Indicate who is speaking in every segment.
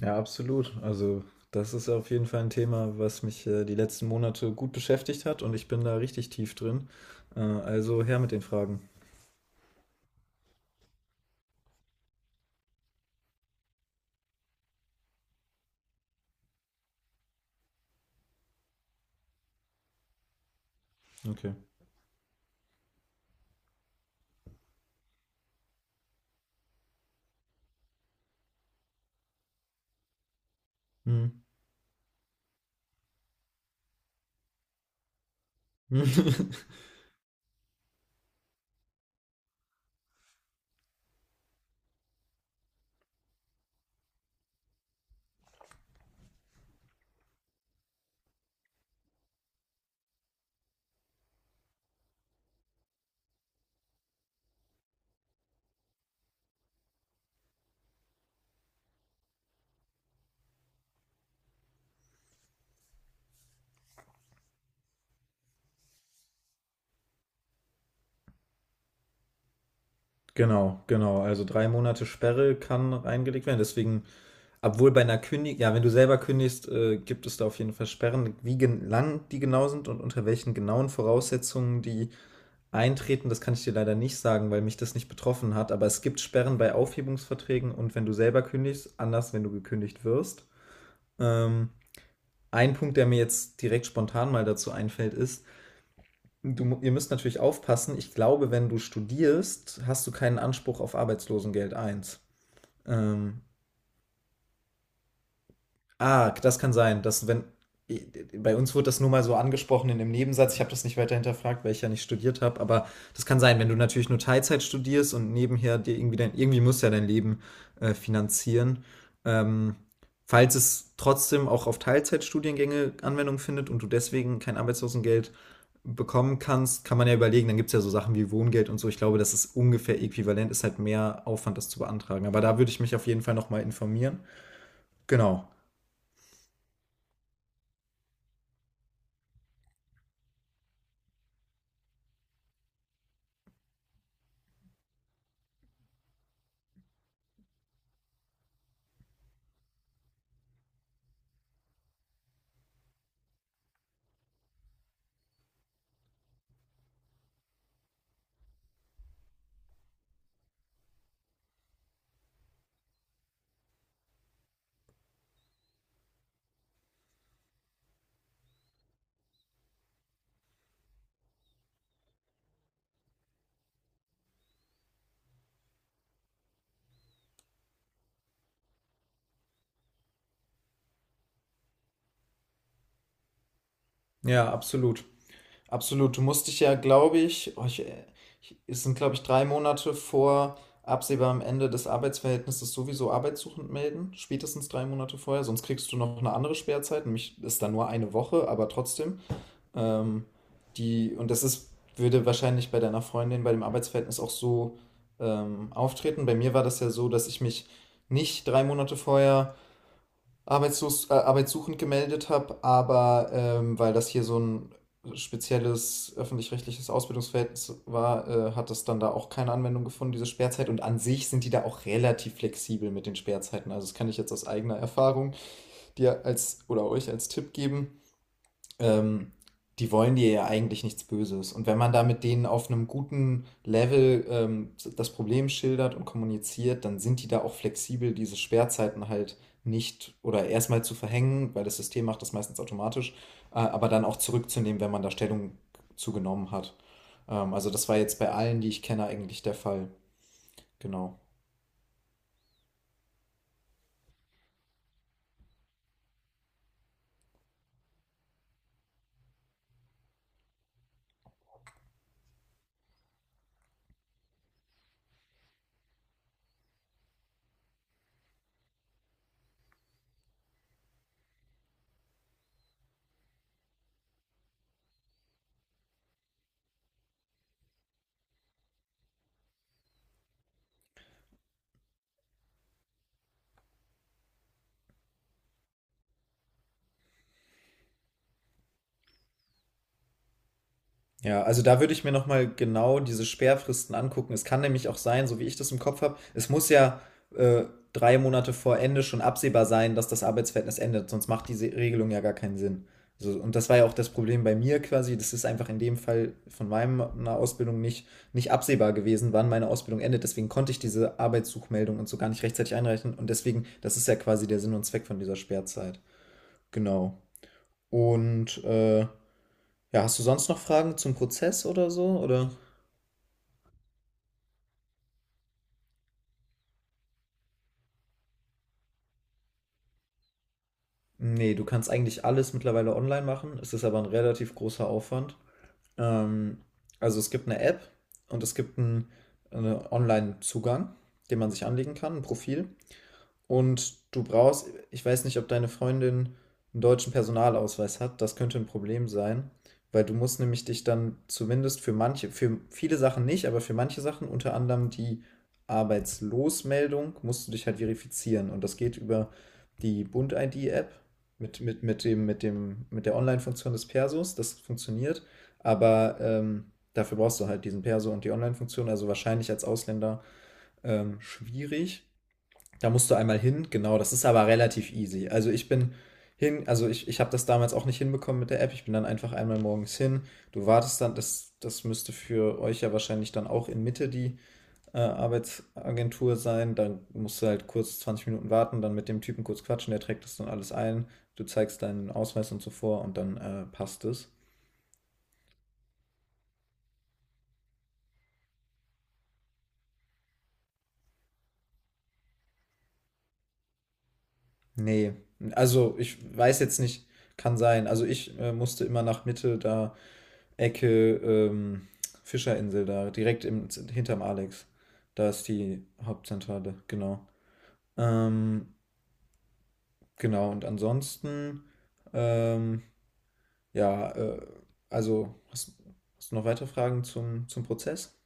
Speaker 1: Ja, absolut. Also, das ist auf jeden Fall ein Thema, was mich die letzten Monate gut beschäftigt hat und ich bin da richtig tief drin. Also her mit den Fragen. Okay. Mhm. Genau, genau. Also drei Monate Sperre kann reingelegt werden. Deswegen, obwohl bei einer Kündigung, ja, wenn du selber kündigst, gibt es da auf jeden Fall Sperren. Wie gen lang die genau sind und unter welchen genauen Voraussetzungen die eintreten, das kann ich dir leider nicht sagen, weil mich das nicht betroffen hat, aber es gibt Sperren bei Aufhebungsverträgen und wenn du selber kündigst, anders, wenn du gekündigt wirst. Ähm, ein Punkt, der mir jetzt direkt spontan mal dazu einfällt, ist, ihr müsst natürlich aufpassen, ich glaube, wenn du studierst, hast du keinen Anspruch auf Arbeitslosengeld eins. Ähm, Ah, das kann sein, dass wenn bei uns wurde das nur mal so angesprochen in dem Nebensatz. Ich habe das nicht weiter hinterfragt, weil ich ja nicht studiert habe. Aber das kann sein, wenn du natürlich nur Teilzeit studierst und nebenher dir irgendwie irgendwie musst du ja dein Leben finanzieren. Ähm, falls es trotzdem auch auf Teilzeitstudiengänge Anwendung findet und du deswegen kein Arbeitslosengeld bekommen kannst, kann man ja überlegen. Dann gibt es ja so Sachen wie Wohngeld und so. Ich glaube, das ist ungefähr äquivalent, ist halt mehr Aufwand, das zu beantragen. Aber da würde ich mich auf jeden Fall nochmal informieren. Genau. Ja, absolut. Absolut. Du musst dich ja, glaube ich, es sind, glaube ich, 3 Monate vor absehbarem Ende des Arbeitsverhältnisses sowieso arbeitssuchend melden, spätestens 3 Monate vorher, sonst kriegst du noch eine andere Sperrzeit, nämlich ist dann nur eine Woche, aber trotzdem. Ähm, die, und das ist, Würde wahrscheinlich bei deiner Freundin bei dem Arbeitsverhältnis auch so auftreten. Bei mir war das ja so, dass ich mich nicht 3 Monate vorher arbeitssuchend gemeldet habe, aber weil das hier so ein spezielles öffentlich-rechtliches Ausbildungsverhältnis war, hat das dann da auch keine Anwendung gefunden, diese Sperrzeit. Und an sich sind die da auch relativ flexibel mit den Sperrzeiten. Also das kann ich jetzt aus eigener Erfahrung dir als oder euch als Tipp geben ähm, Die wollen dir ja eigentlich nichts Böses. Und wenn man da mit denen auf einem guten Level das Problem schildert und kommuniziert, dann sind die da auch flexibel, diese Sperrzeiten halt nicht oder erstmal zu verhängen, weil das System macht das meistens automatisch, aber dann auch zurückzunehmen, wenn man da Stellung zugenommen hat. Also das war jetzt bei allen, die ich kenne, eigentlich der Fall. Genau. Ja, also da würde ich mir nochmal genau diese Sperrfristen angucken. Es kann nämlich auch sein, so wie ich das im Kopf habe, es muss ja äh, 3 Monate vor Ende schon absehbar sein, dass das Arbeitsverhältnis endet, sonst macht diese Regelung ja gar keinen Sinn. So, und das war ja auch das Problem bei mir quasi. Das ist einfach in dem Fall von meiner Ausbildung nicht absehbar gewesen, wann meine Ausbildung endet. Deswegen konnte ich diese Arbeitssuchmeldung und so gar nicht rechtzeitig einreichen. Und deswegen, das ist ja quasi der Sinn und Zweck von dieser Sperrzeit. Genau. Und ja, hast du sonst noch Fragen zum Prozess oder so? Oder? Nee, du kannst eigentlich alles mittlerweile online machen. Es ist aber ein relativ großer Aufwand. Ähm, also es gibt eine App und es gibt einen Online-Zugang, den man sich anlegen kann, ein Profil. Und du brauchst ich weiß nicht, ob deine Freundin einen deutschen Personalausweis hat. Das könnte ein Problem sein, weil du musst nämlich dich dann zumindest für manche für viele Sachen nicht, aber für manche Sachen, unter anderem die Arbeitslosmeldung, musst du dich halt verifizieren. Und das geht über die Bund-ID-App mit der Online-Funktion des Persos. Das funktioniert, aber, dafür brauchst du halt diesen Perso und die Online-Funktion, also wahrscheinlich als Ausländer, schwierig. Da musst du einmal hin, genau, das ist aber relativ easy. Also ich bin hin, also ich habe das damals auch nicht hinbekommen mit der App. Ich bin dann einfach einmal morgens hin. Du wartest dann, das müsste für euch ja wahrscheinlich dann auch in Mitte die Arbeitsagentur sein. Dann musst du halt kurz 20 Minuten warten, dann mit dem Typen kurz quatschen, der trägt das dann alles ein. Du zeigst deinen Ausweis und so vor und dann passt es. Nee, also ich weiß jetzt nicht, kann sein. Also ich musste immer nach Mitte da Ecke Fischerinsel da, direkt hinterm Alex. Da ist die Hauptzentrale, genau. Ähm, genau, und ansonsten, ähm, ja, also, hast du noch weitere Fragen zum Prozess?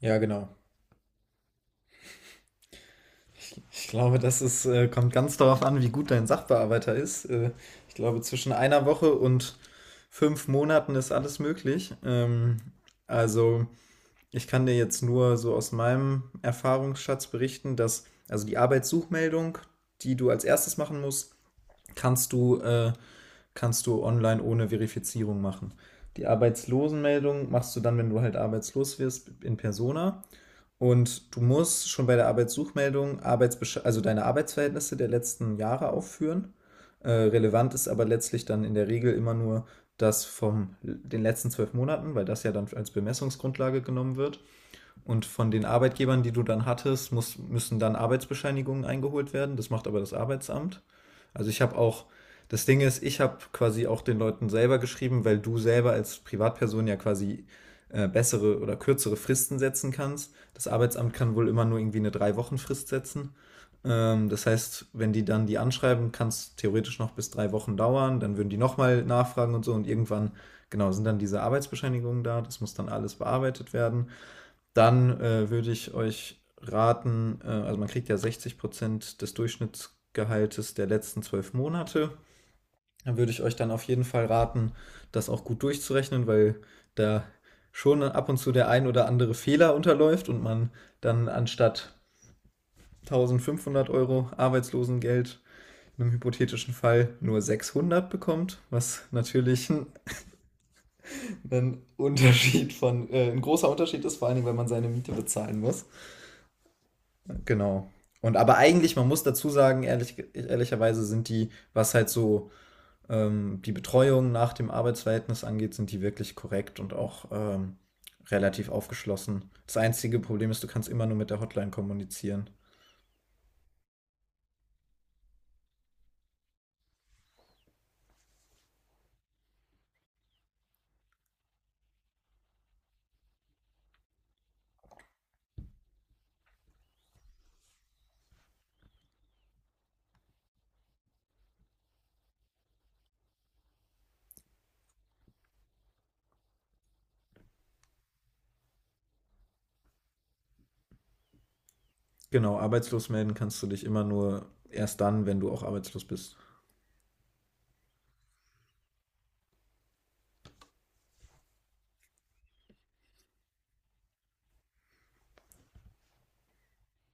Speaker 1: Ja, genau. Ich glaube, kommt ganz darauf an, wie gut dein Sachbearbeiter ist. Ich glaube, zwischen einer Woche und 5 Monaten ist alles möglich. Also ich kann dir jetzt nur so aus meinem Erfahrungsschatz berichten, dass also die Arbeitssuchmeldung, die du als erstes machen musst, kannst du, äh, kannst du online ohne Verifizierung machen. Die Arbeitslosenmeldung machst du dann, wenn du halt arbeitslos wirst, in Persona. Und du musst schon bei der Arbeitssuchmeldung Arbeitsbesch also deine Arbeitsverhältnisse der letzten Jahre aufführen. Relevant ist aber letztlich dann in der Regel immer nur das von den letzten 12 Monaten, weil das ja dann als Bemessungsgrundlage genommen wird. Und von den Arbeitgebern, die du dann hattest, müssen dann Arbeitsbescheinigungen eingeholt werden. Das macht aber das Arbeitsamt. Also das Ding ist, ich habe quasi auch den Leuten selber geschrieben, weil du selber als Privatperson ja quasi bessere oder kürzere Fristen setzen kannst. Das Arbeitsamt kann wohl immer nur irgendwie eine Drei-Wochen-Frist setzen. Das heißt, wenn die dann die anschreiben, kann es theoretisch noch bis 3 Wochen dauern. Dann würden die nochmal nachfragen und so. Und irgendwann, genau, sind dann diese Arbeitsbescheinigungen da. Das muss dann alles bearbeitet werden. Dann würde ich euch raten, also man kriegt ja 60% des Durchschnittsgehaltes der letzten 12 Monate. Dann würde ich euch dann auf jeden Fall raten, das auch gut durchzurechnen, weil da schon ab und zu der ein oder andere Fehler unterläuft und man dann anstatt 1.500 Euro Arbeitslosengeld in einem hypothetischen Fall nur 600 bekommt, was natürlich ein ein großer Unterschied ist, vor allem, weil man seine Miete bezahlen muss. Genau. Und aber eigentlich, man muss dazu sagen, ehrlicherweise sind die, was halt so die Betreuung nach dem Arbeitsverhältnis angeht, sind die wirklich korrekt und auch relativ aufgeschlossen. Das einzige Problem ist, du kannst immer nur mit der Hotline kommunizieren. Genau, arbeitslos melden kannst du dich immer nur erst dann, wenn du auch arbeitslos bist.